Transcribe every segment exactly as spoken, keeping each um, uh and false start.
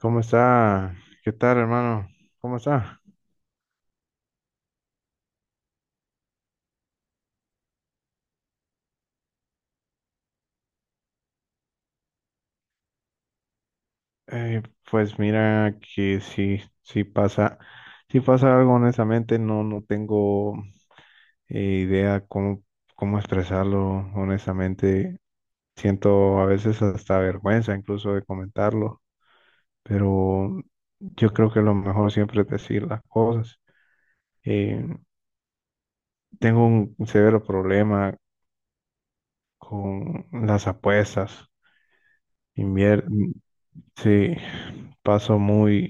¿Cómo está? ¿Qué tal, hermano? ¿Cómo está? Eh, pues mira que sí, sí pasa, sí pasa algo, honestamente, no, no tengo eh, idea cómo, cómo expresarlo, honestamente. Siento a veces hasta vergüenza incluso de comentarlo, pero yo creo que lo mejor siempre es decir las cosas. Eh, tengo un severo problema con las apuestas. Invier- Sí, paso muy.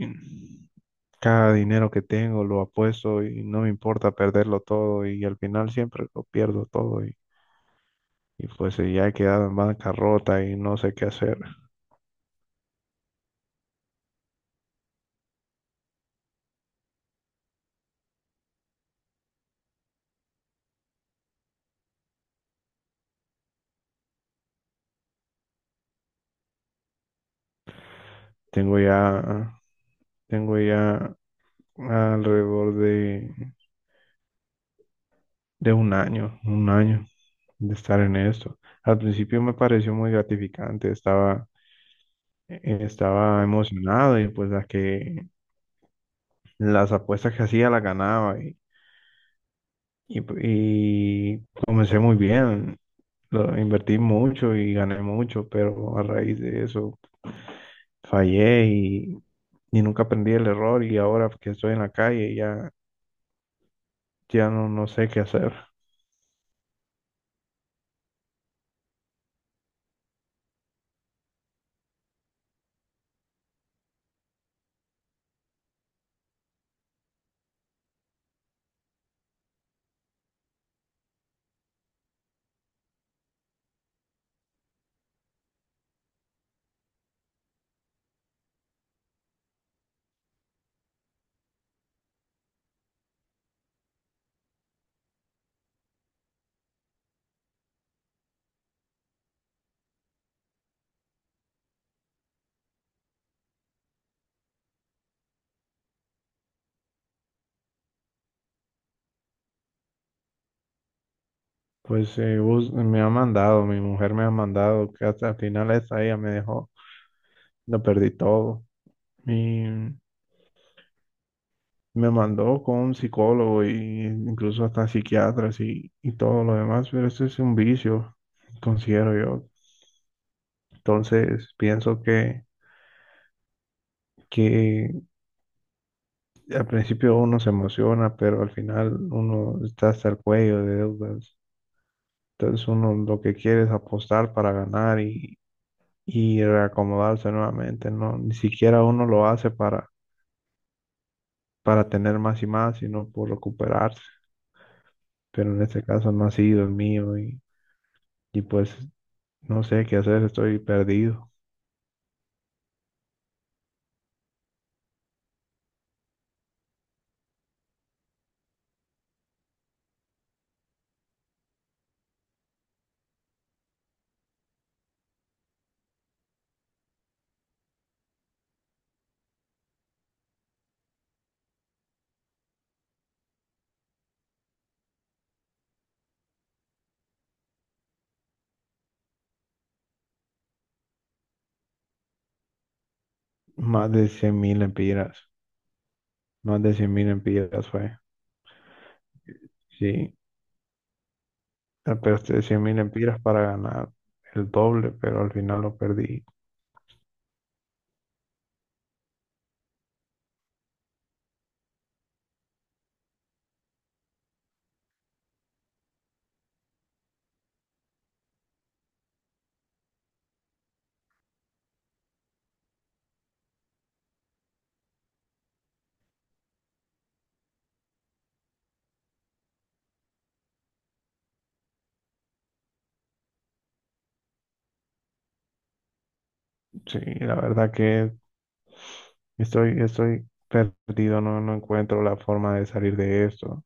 Cada dinero que tengo lo apuesto y no me importa perderlo todo y al final siempre lo pierdo todo y, y pues eh, ya he quedado en bancarrota y no sé qué hacer. Tengo ya, tengo ya alrededor de, de un año, un año de estar en esto. Al principio me pareció muy gratificante, estaba, eh, estaba emocionado y pues las que, las apuestas que hacía las ganaba. Y, y comencé muy bien, lo, invertí mucho y gané mucho, pero a raíz de eso fallé y, y nunca aprendí el error y ahora que estoy en la calle ya, ya no, no sé qué hacer. Pues eh, bus- me ha mandado, mi mujer me ha mandado, que hasta el final esta ella me dejó, lo perdí todo. Y me mandó con un psicólogo y incluso hasta psiquiatras y, y todo lo demás, pero eso es un vicio, considero yo. Entonces, pienso que, que al principio uno se emociona, pero al final uno está hasta el cuello de deudas. Entonces, uno lo que quiere es apostar para ganar y, y reacomodarse nuevamente, ¿no? Ni siquiera uno lo hace para, para tener más y más, sino por recuperarse. Pero en este caso no ha sido el mío y, y pues no sé qué hacer, estoy perdido. Más de cien mil empiras, Más de cien mil empiras fue, sí. Ah, pero te decía mil empiras para ganar el doble, pero al final lo perdí. Sí, la verdad que estoy, estoy perdido, no, no encuentro la forma de salir de esto.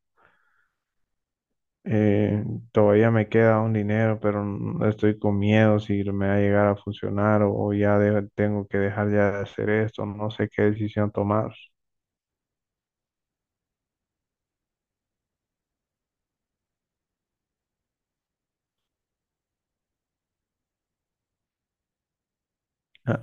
Eh, todavía me queda un dinero, pero n- estoy con miedo si me va a llegar a funcionar o, o ya de- tengo que dejar ya de hacer esto, no sé qué decisión tomar. Ah,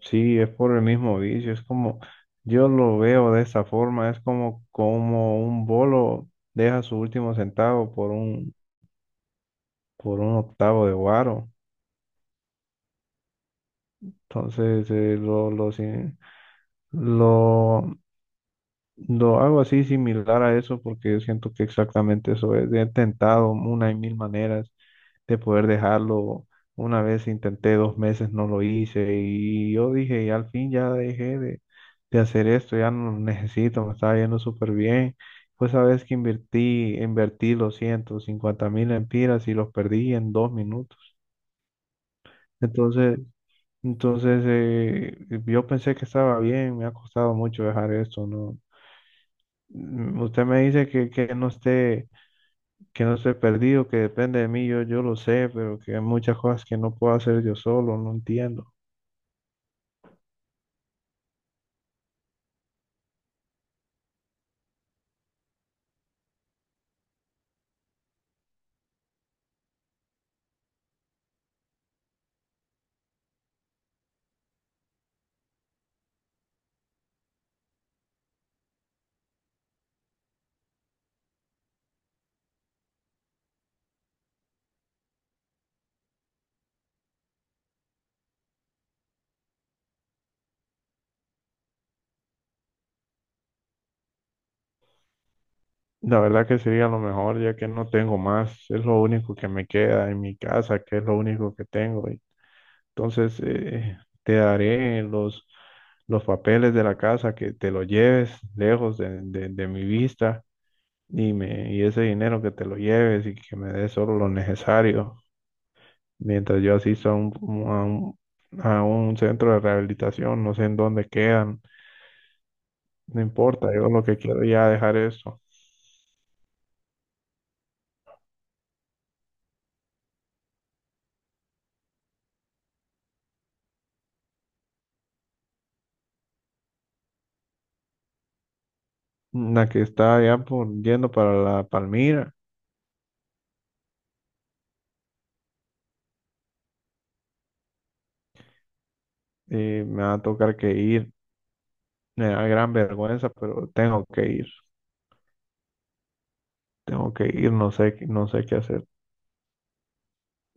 sí, es por el mismo vicio, es como, yo lo veo de esa forma, es como, como un bolo deja su último centavo por un, por un octavo de guaro. Entonces, eh, lo, lo, sin- lo Lo hago así similar a eso porque yo siento que exactamente eso es. He intentado una y mil maneras de poder dejarlo. Una vez intenté dos meses, no lo hice y yo dije, y al fin ya dejé de, de hacer esto, ya no lo necesito, me estaba yendo súper bien. Pues sabes que invertí, invertí los ciento cincuenta mil empiras y los perdí en dos minutos. Entonces, entonces eh, yo pensé que estaba bien, me ha costado mucho dejar esto, ¿no? Mm, Usted me dice que, que no esté, que no esté perdido, que depende de mí, yo, yo lo sé, pero que hay muchas cosas que no puedo hacer yo solo, no entiendo. La verdad que sería lo mejor, ya que no tengo más, es lo único que me queda en mi casa, que es lo único que tengo. y Entonces, eh, te daré los, los papeles de la casa, que te lo lleves lejos de, de- de mi vista y, me, y ese dinero que te lo lleves y que me des solo lo necesario, mientras yo asisto a un, a un, a un centro de rehabilitación, no sé en dónde quedan, no importa, yo lo que quiero ya dejar esto. La que está ya por yendo para la Palmira, eh, me va a tocar que ir, me da gran vergüenza, pero tengo que ir, tengo que ir, no sé, qué- no sé qué hacer.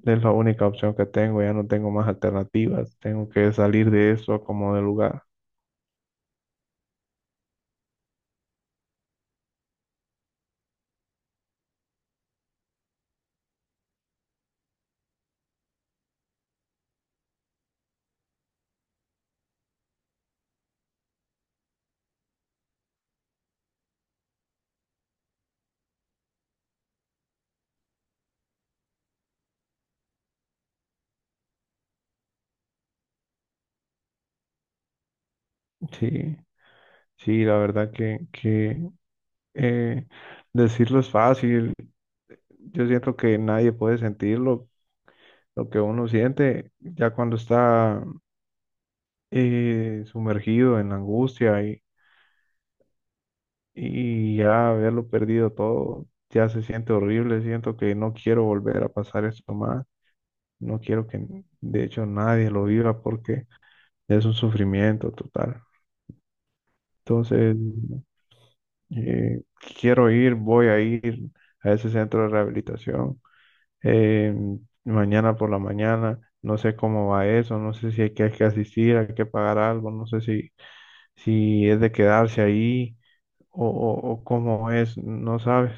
Es la única opción que tengo, ya no tengo más alternativas, tengo que salir de eso como de lugar. Sí, sí, la verdad que, que eh, decirlo es fácil. Yo siento que nadie puede sentir lo, lo que uno siente ya cuando está eh, sumergido en la angustia y, y ya haberlo perdido todo, ya se siente horrible. Siento que no quiero volver a pasar esto más. No quiero que, de hecho, nadie lo viva porque es un sufrimiento total. Entonces, eh, quiero ir, voy a ir a ese centro de rehabilitación eh, mañana por la mañana. No sé cómo va eso, no sé si hay que, hay que asistir, hay que pagar algo, no sé si, si es de quedarse ahí o, o, o cómo es, no sabes.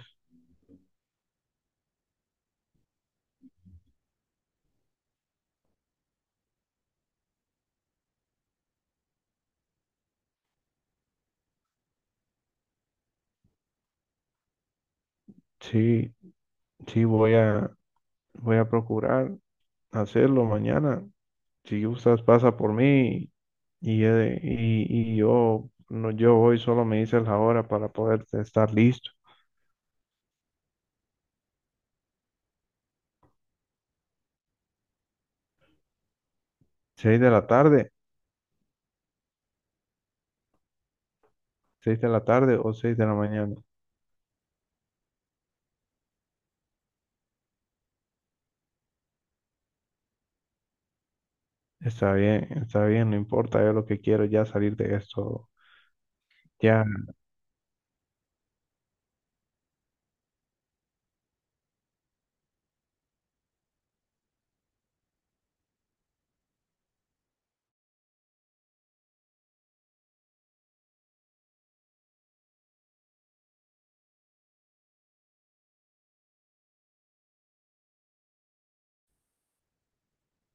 Sí, sí, voy a, voy a procurar hacerlo mañana. Si gustas, pasa por mí y, eh, y, y yo, no, yo hoy solo me dices la hora para poder estar listo. Seis de la tarde, seis de la tarde o seis de la mañana. Está bien, está bien, no importa, yo lo que quiero es ya salir de esto, ya